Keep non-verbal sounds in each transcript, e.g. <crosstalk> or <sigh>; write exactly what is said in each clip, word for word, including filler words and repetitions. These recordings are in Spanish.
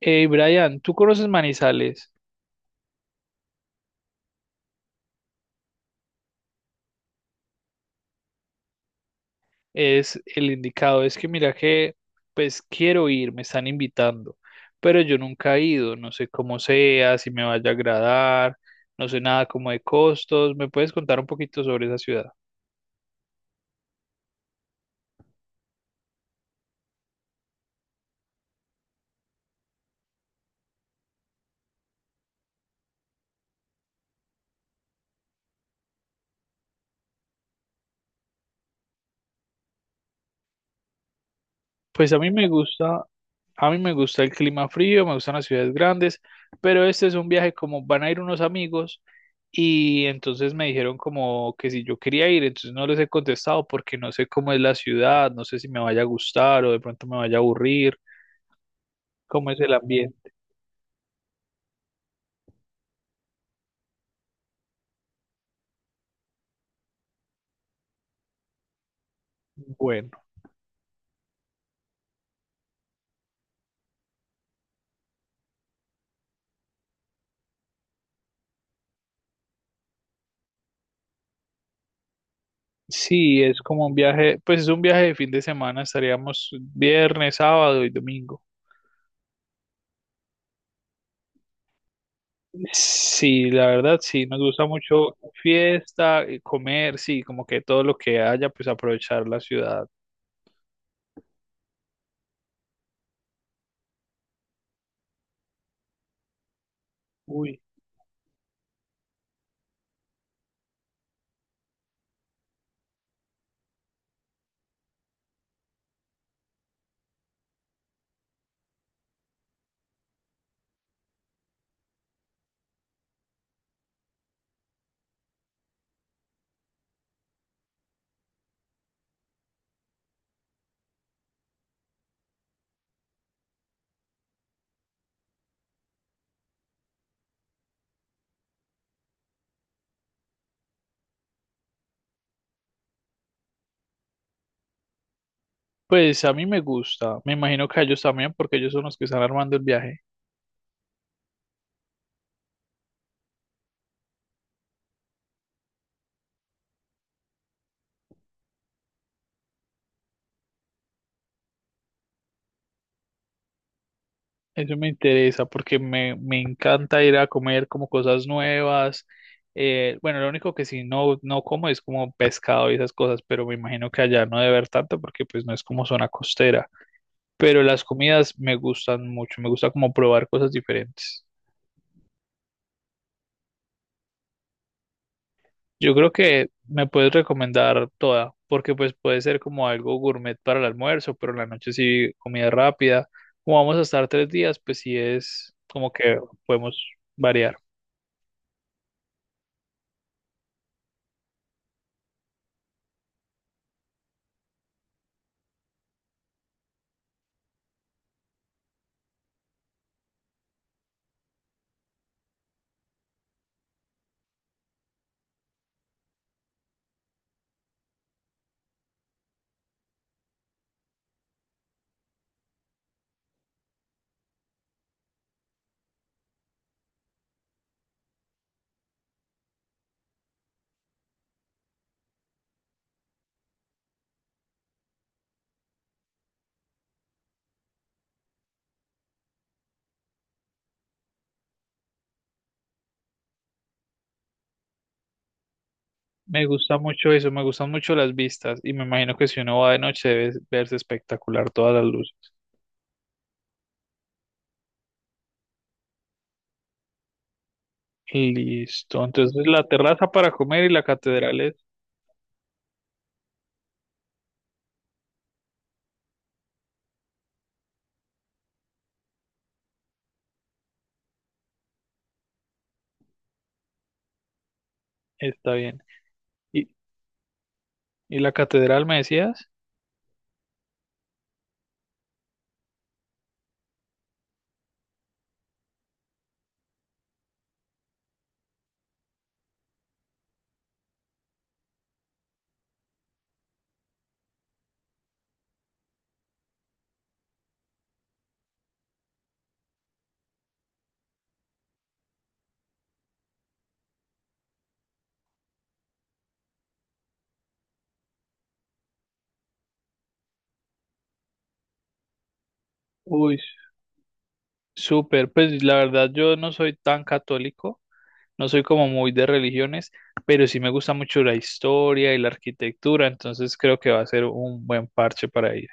Eh, Brian, ¿tú conoces Manizales? Es el indicado. Es que mira que, pues quiero ir, me están invitando, pero yo nunca he ido, no sé cómo sea, si me vaya a agradar, no sé nada como de costos. ¿Me puedes contar un poquito sobre esa ciudad? Pues a mí me gusta, A mí me gusta el clima frío, me gustan las ciudades grandes, pero este es un viaje como van a ir unos amigos y entonces me dijeron como que si yo quería ir, entonces no les he contestado porque no sé cómo es la ciudad, no sé si me vaya a gustar o de pronto me vaya a aburrir, cómo es el ambiente. Bueno, sí, es como un viaje, pues es un viaje de fin de semana, estaríamos viernes, sábado y domingo. Sí, la verdad, sí, nos gusta mucho fiesta, eh, comer, sí, como que todo lo que haya, pues aprovechar la ciudad. Uy. Pues a mí me gusta, me imagino que a ellos también, porque ellos son los que están armando el viaje. Eso me interesa, porque me, me encanta ir a comer como cosas nuevas. Eh, bueno, lo único que sí no, no como es como pescado y esas cosas, pero me imagino que allá no debe haber tanto, porque pues no es como zona costera. Pero las comidas me gustan mucho, me gusta como probar cosas diferentes. Yo creo que me puedes recomendar toda, porque pues puede ser como algo gourmet para el almuerzo, pero en la noche sí comida rápida. Como vamos a estar tres días, pues sí es como que podemos variar. Me gusta mucho eso, me gustan mucho las vistas y me imagino que si uno va de noche debe verse espectacular todas las luces. Listo. Entonces la terraza para comer y la catedral es. Está bien. ¿Y, y la catedral me decías? Uy, súper, pues la verdad yo no soy tan católico, no soy como muy de religiones, pero sí me gusta mucho la historia y la arquitectura, entonces creo que va a ser un buen parche para ir.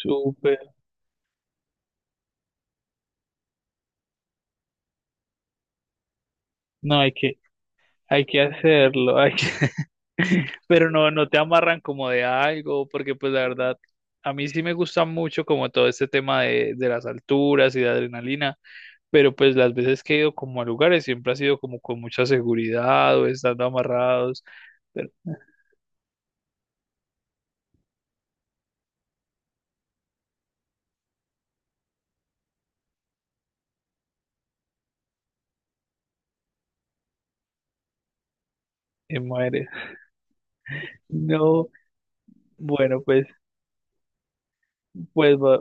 Súper, no hay que, hay que hacerlo, hay que... <laughs> Pero no, no te amarran como de algo, porque pues la verdad, a mí sí me gusta mucho como todo este tema de, de las alturas y de adrenalina, pero pues las veces que he ido como a lugares siempre ha sido como con mucha seguridad o estando amarrados. Y muere. No, bueno, pues, pues, va-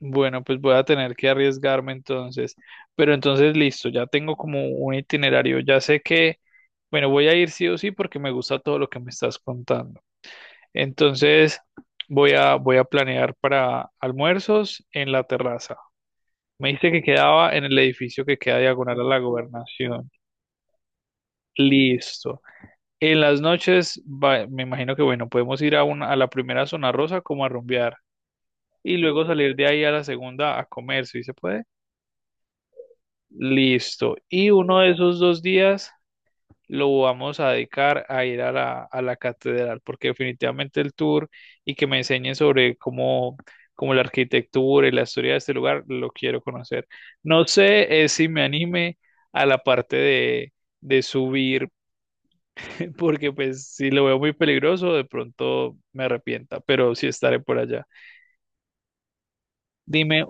bueno, pues voy a tener que arriesgarme entonces. Pero entonces, listo, ya tengo como un itinerario. Ya sé que, bueno, voy a ir sí o sí porque me gusta todo lo que me estás contando. Entonces, voy a, voy a planear para almuerzos en la terraza. Me dijiste que quedaba en el edificio que queda diagonal a la gobernación. Listo. En las noches, va- me imagino que, bueno, podemos ir a una, a la primera zona rosa como a rumbear. Y luego salir de ahí a la segunda a comer, si se puede. Listo. Y uno de esos dos días lo vamos a dedicar a ir a la, a la catedral, porque definitivamente el tour y que me enseñen sobre cómo, cómo la arquitectura y la historia de este lugar lo quiero conocer. No sé eh, si me anime a la parte de, de subir, <laughs> porque pues si lo veo muy peligroso, de pronto me arrepienta, pero sí estaré por allá. Dime.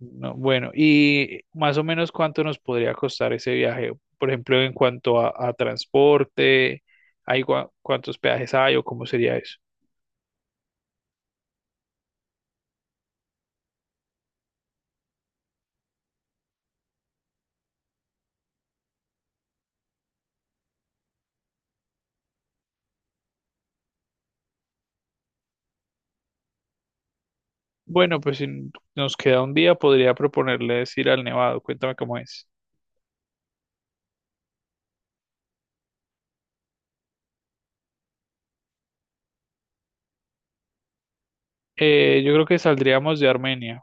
No, bueno, y más o menos cuánto nos podría costar ese viaje, por ejemplo, en cuanto a, a transporte, hay gua- cuántos peajes hay o cómo sería eso. Bueno, pues si n- nos queda un día, podría proponerles ir al Nevado, cuéntame cómo es. Eh, yo creo que saldríamos de Armenia.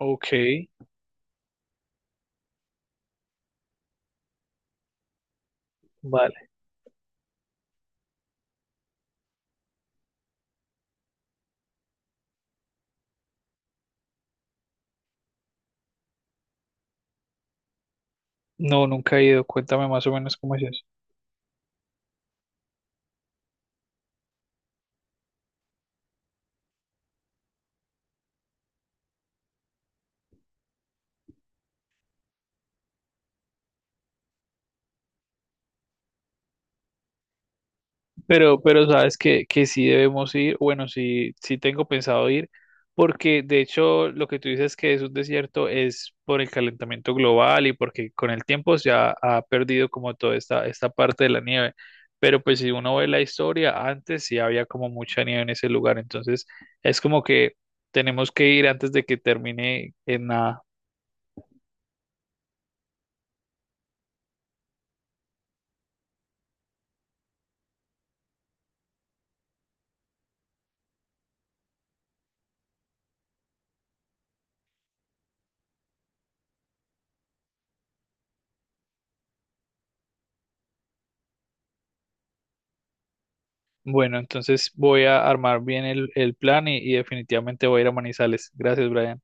Ok, vale. No, nunca he ido, cuéntame más o menos cómo es. Pero, pero sabes que, que sí debemos ir, bueno, sí, sí tengo pensado ir, porque de hecho lo que tú dices que es un desierto es por el calentamiento global y porque con el tiempo se ha, ha perdido como toda esta, esta parte de la nieve. Pero pues si uno ve la historia, antes sí había como mucha nieve en ese lugar, entonces es como que tenemos que ir antes de que termine en nada. Bueno, entonces voy a armar bien el, el plan y, y definitivamente voy a ir a Manizales. Gracias, Brian.